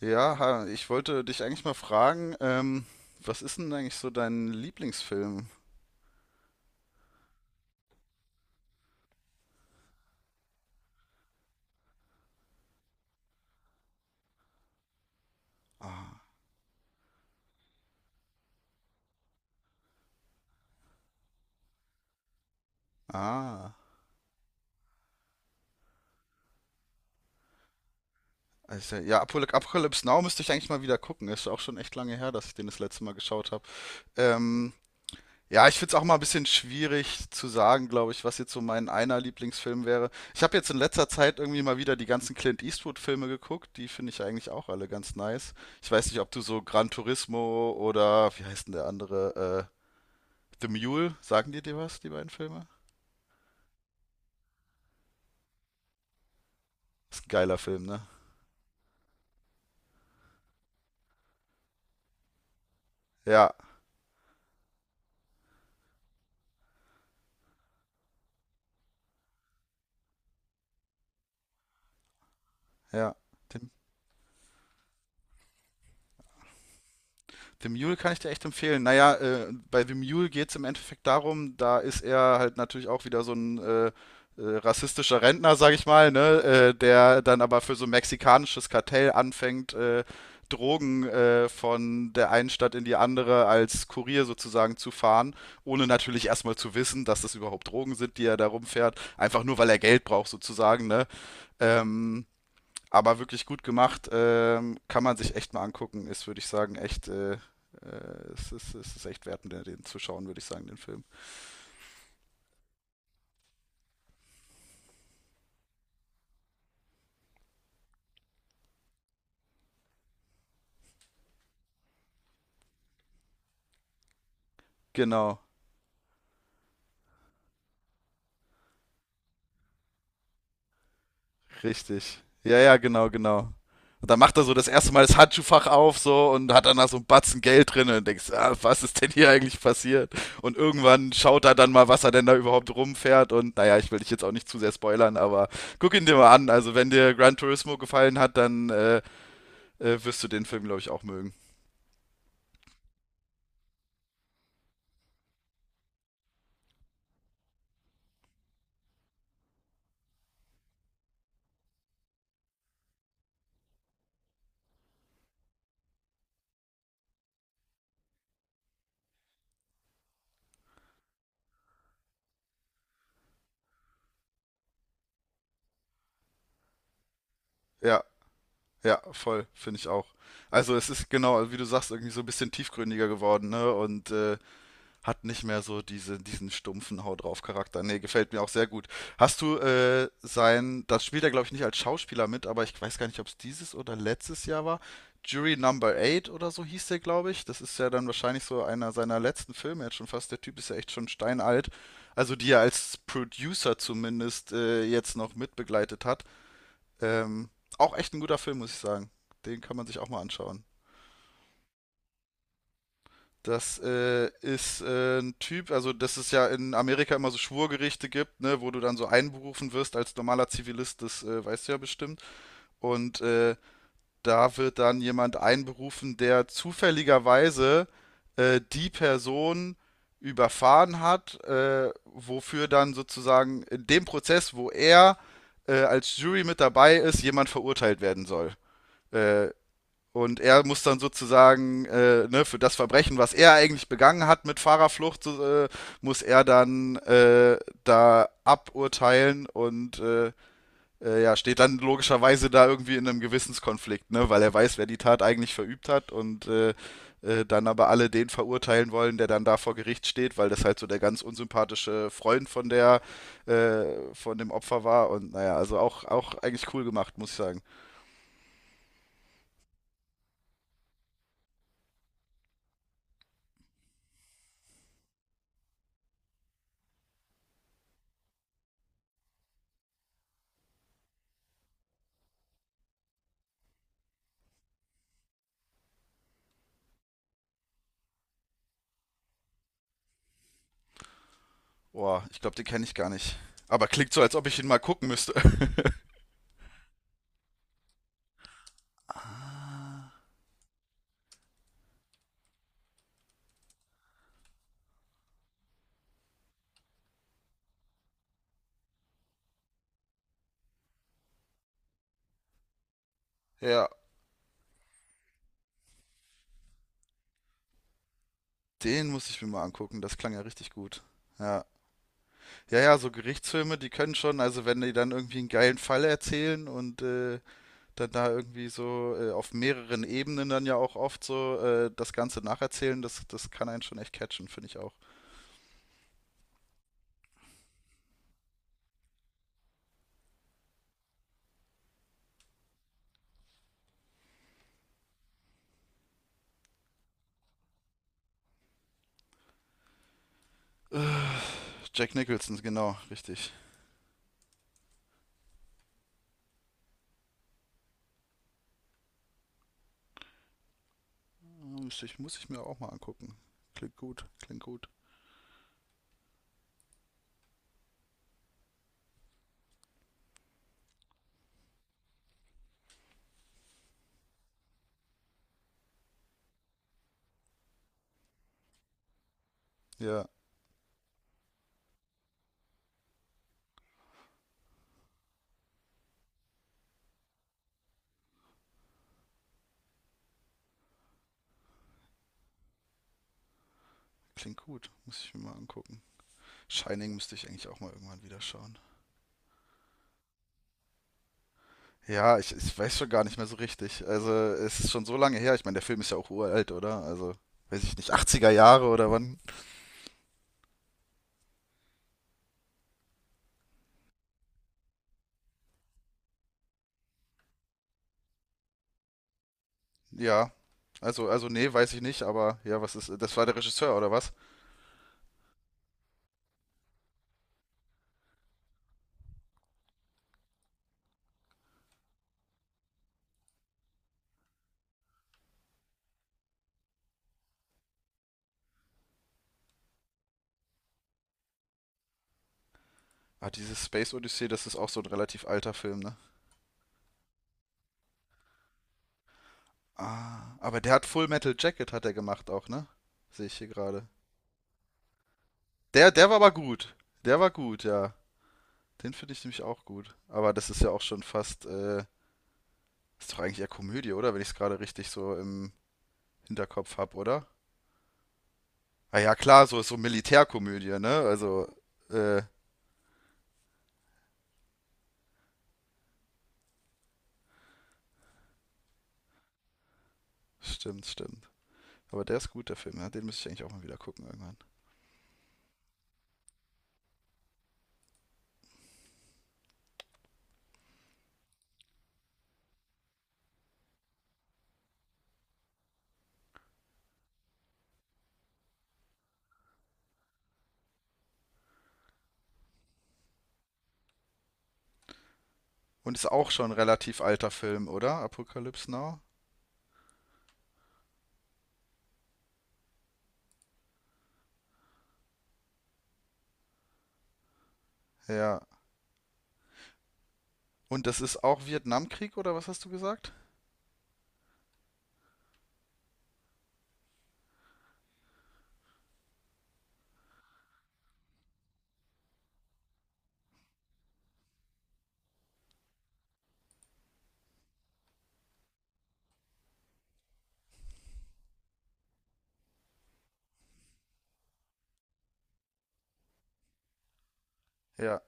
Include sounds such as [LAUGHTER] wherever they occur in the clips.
Ja, ha, ich wollte dich eigentlich mal fragen, was ist denn eigentlich so dein Lieblingsfilm? Ah, ah, also, ja, Apocalypse Now müsste ich eigentlich mal wieder gucken. Ist auch schon echt lange her, dass ich den das letzte Mal geschaut habe. Ähm, ja, ich finde es auch mal ein bisschen schwierig zu sagen, glaube ich, was jetzt so mein einer Lieblingsfilm wäre. Ich habe jetzt in letzter Zeit irgendwie mal wieder die ganzen Clint Eastwood-Filme geguckt. Die finde ich eigentlich auch alle ganz nice. Ich weiß nicht, ob du so Gran Turismo oder wie heißt denn der andere? The Mule, sagen dir was, die beiden Filme? Ist ein geiler Film, ne? Ja, ja. Den, The Mule kann ich dir echt empfehlen. Naja, bei The Mule geht es im Endeffekt darum, da ist er halt natürlich auch wieder so ein rassistischer Rentner, sag ich mal, ne? Der dann aber für so ein mexikanisches Kartell anfängt, Drogen von der einen Stadt in die andere als Kurier sozusagen zu fahren, ohne natürlich erstmal zu wissen, dass das überhaupt Drogen sind, die er da rumfährt, einfach nur weil er Geld braucht sozusagen, ne? Ähm, Aber wirklich gut gemacht, kann man sich echt mal angucken. Würde ich sagen, echt, es ist echt wert, den zu schauen, würde ich sagen, den Film. Genau, richtig. Ja, ja, genau, genau. Und dann macht er so das erste Mal das Handschuhfach auf so und hat dann da so einen Batzen Geld drin und denkst, ah, was ist denn hier eigentlich passiert? Und irgendwann schaut er dann mal, was er denn da überhaupt rumfährt und naja, ich will dich jetzt auch nicht zu sehr spoilern, aber guck ihn dir mal an. Also wenn dir Gran Turismo gefallen hat, dann wirst du den Film, glaube ich, auch mögen. Ja. Ja, voll, finde ich auch. Also es ist genau, wie du sagst, irgendwie so ein bisschen tiefgründiger geworden, ne? Und hat nicht mehr so diesen stumpfen Hau drauf Charakter. Nee, gefällt mir auch sehr gut. Hast du das spielt er, glaube ich, nicht als Schauspieler mit, aber ich weiß gar nicht, ob es dieses oder letztes Jahr war. Jury Number 8 oder so hieß der, glaube ich. Das ist ja dann wahrscheinlich so einer seiner letzten Filme jetzt schon fast. Der Typ ist ja echt schon steinalt. Also die er als Producer zumindest jetzt noch mitbegleitet hat. Ähm, Auch echt ein guter Film, muss ich sagen. Den kann man sich auch mal anschauen. Das ist ein Typ, also dass es ja in Amerika immer so Schwurgerichte gibt, ne, wo du dann so einberufen wirst als normaler Zivilist, das weißt du ja bestimmt. Und da wird dann jemand einberufen, der zufälligerweise die Person überfahren hat, wofür dann sozusagen in dem Prozess, wo er als Jury mit dabei ist, jemand verurteilt werden soll. Äh, Und er muss dann sozusagen ne, für das Verbrechen, was er eigentlich begangen hat mit Fahrerflucht, so, muss er dann da aburteilen und ja, steht dann logischerweise da irgendwie in einem Gewissenskonflikt, ne, weil er weiß, wer die Tat eigentlich verübt hat und dann aber alle den verurteilen wollen, der dann da vor Gericht steht, weil das halt so der ganz unsympathische Freund von der von dem Opfer war und naja, also auch eigentlich cool gemacht, muss ich sagen. Boah, ich glaube, den kenne ich gar nicht. Aber klingt so, als ob ich ihn mal gucken müsste. [LAUGHS] Ja, den muss ich mir mal angucken. Das klang ja richtig gut. Ja, ja, ja, so Gerichtsfilme, die können schon, also wenn die dann irgendwie einen geilen Fall erzählen und dann da irgendwie so auf mehreren Ebenen dann ja auch oft so das Ganze nacherzählen, das kann einen schon echt catchen, finde ich auch. Jack Nicholson, genau, richtig. Muss ich mir auch mal angucken. Klingt gut, klingt gut. Ja, klingt gut, muss ich mir mal angucken. Shining müsste ich eigentlich auch mal irgendwann wieder schauen. Ja, ich weiß schon gar nicht mehr so richtig. Also, es ist schon so lange her. Ich meine, der Film ist ja auch uralt, oder? Also, weiß ich nicht, 80er Jahre oder wann? Ja, also nee, weiß ich nicht, aber ja, was ist, das war der Regisseur, oder was? Ah, dieses Space Odyssey, das ist auch so ein relativ alter Film, ne? Ah, aber der hat Full Metal Jacket hat er gemacht auch, ne? Sehe ich hier gerade. Der war aber gut. Der war gut, ja. Den finde ich nämlich auch gut. Aber das ist ja auch schon fast, ist doch eigentlich eher Komödie, oder? Wenn ich es gerade richtig so im Hinterkopf habe, oder? Ah ja, klar, so ist so Militärkomödie, ne? Also, äh, stimmt, stimmt. Aber der ist gut, der Film, ja? Den müsste ich eigentlich auch mal wieder gucken irgendwann. Und ist auch schon ein relativ alter Film, oder? Apocalypse Now? Ja. Und das ist auch Vietnamkrieg, oder was hast du gesagt? Ja,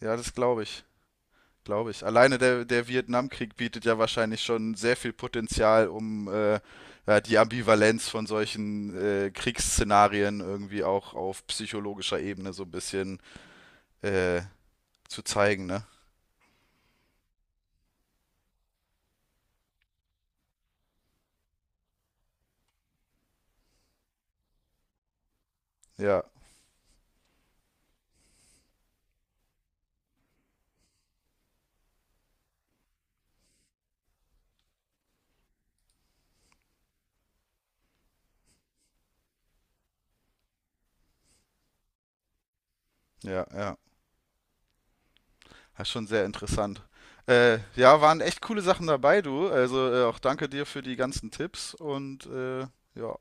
ja, das glaube ich. Glaube ich. Alleine der Vietnamkrieg bietet ja wahrscheinlich schon sehr viel Potenzial, um ja, die Ambivalenz von solchen Kriegsszenarien irgendwie auch auf psychologischer Ebene so ein bisschen äh, zu zeigen, ne? Ja. Ja, ja. Das ist schon sehr interessant. Ja, waren echt coole Sachen dabei, du. Also auch danke dir für die ganzen Tipps und ja,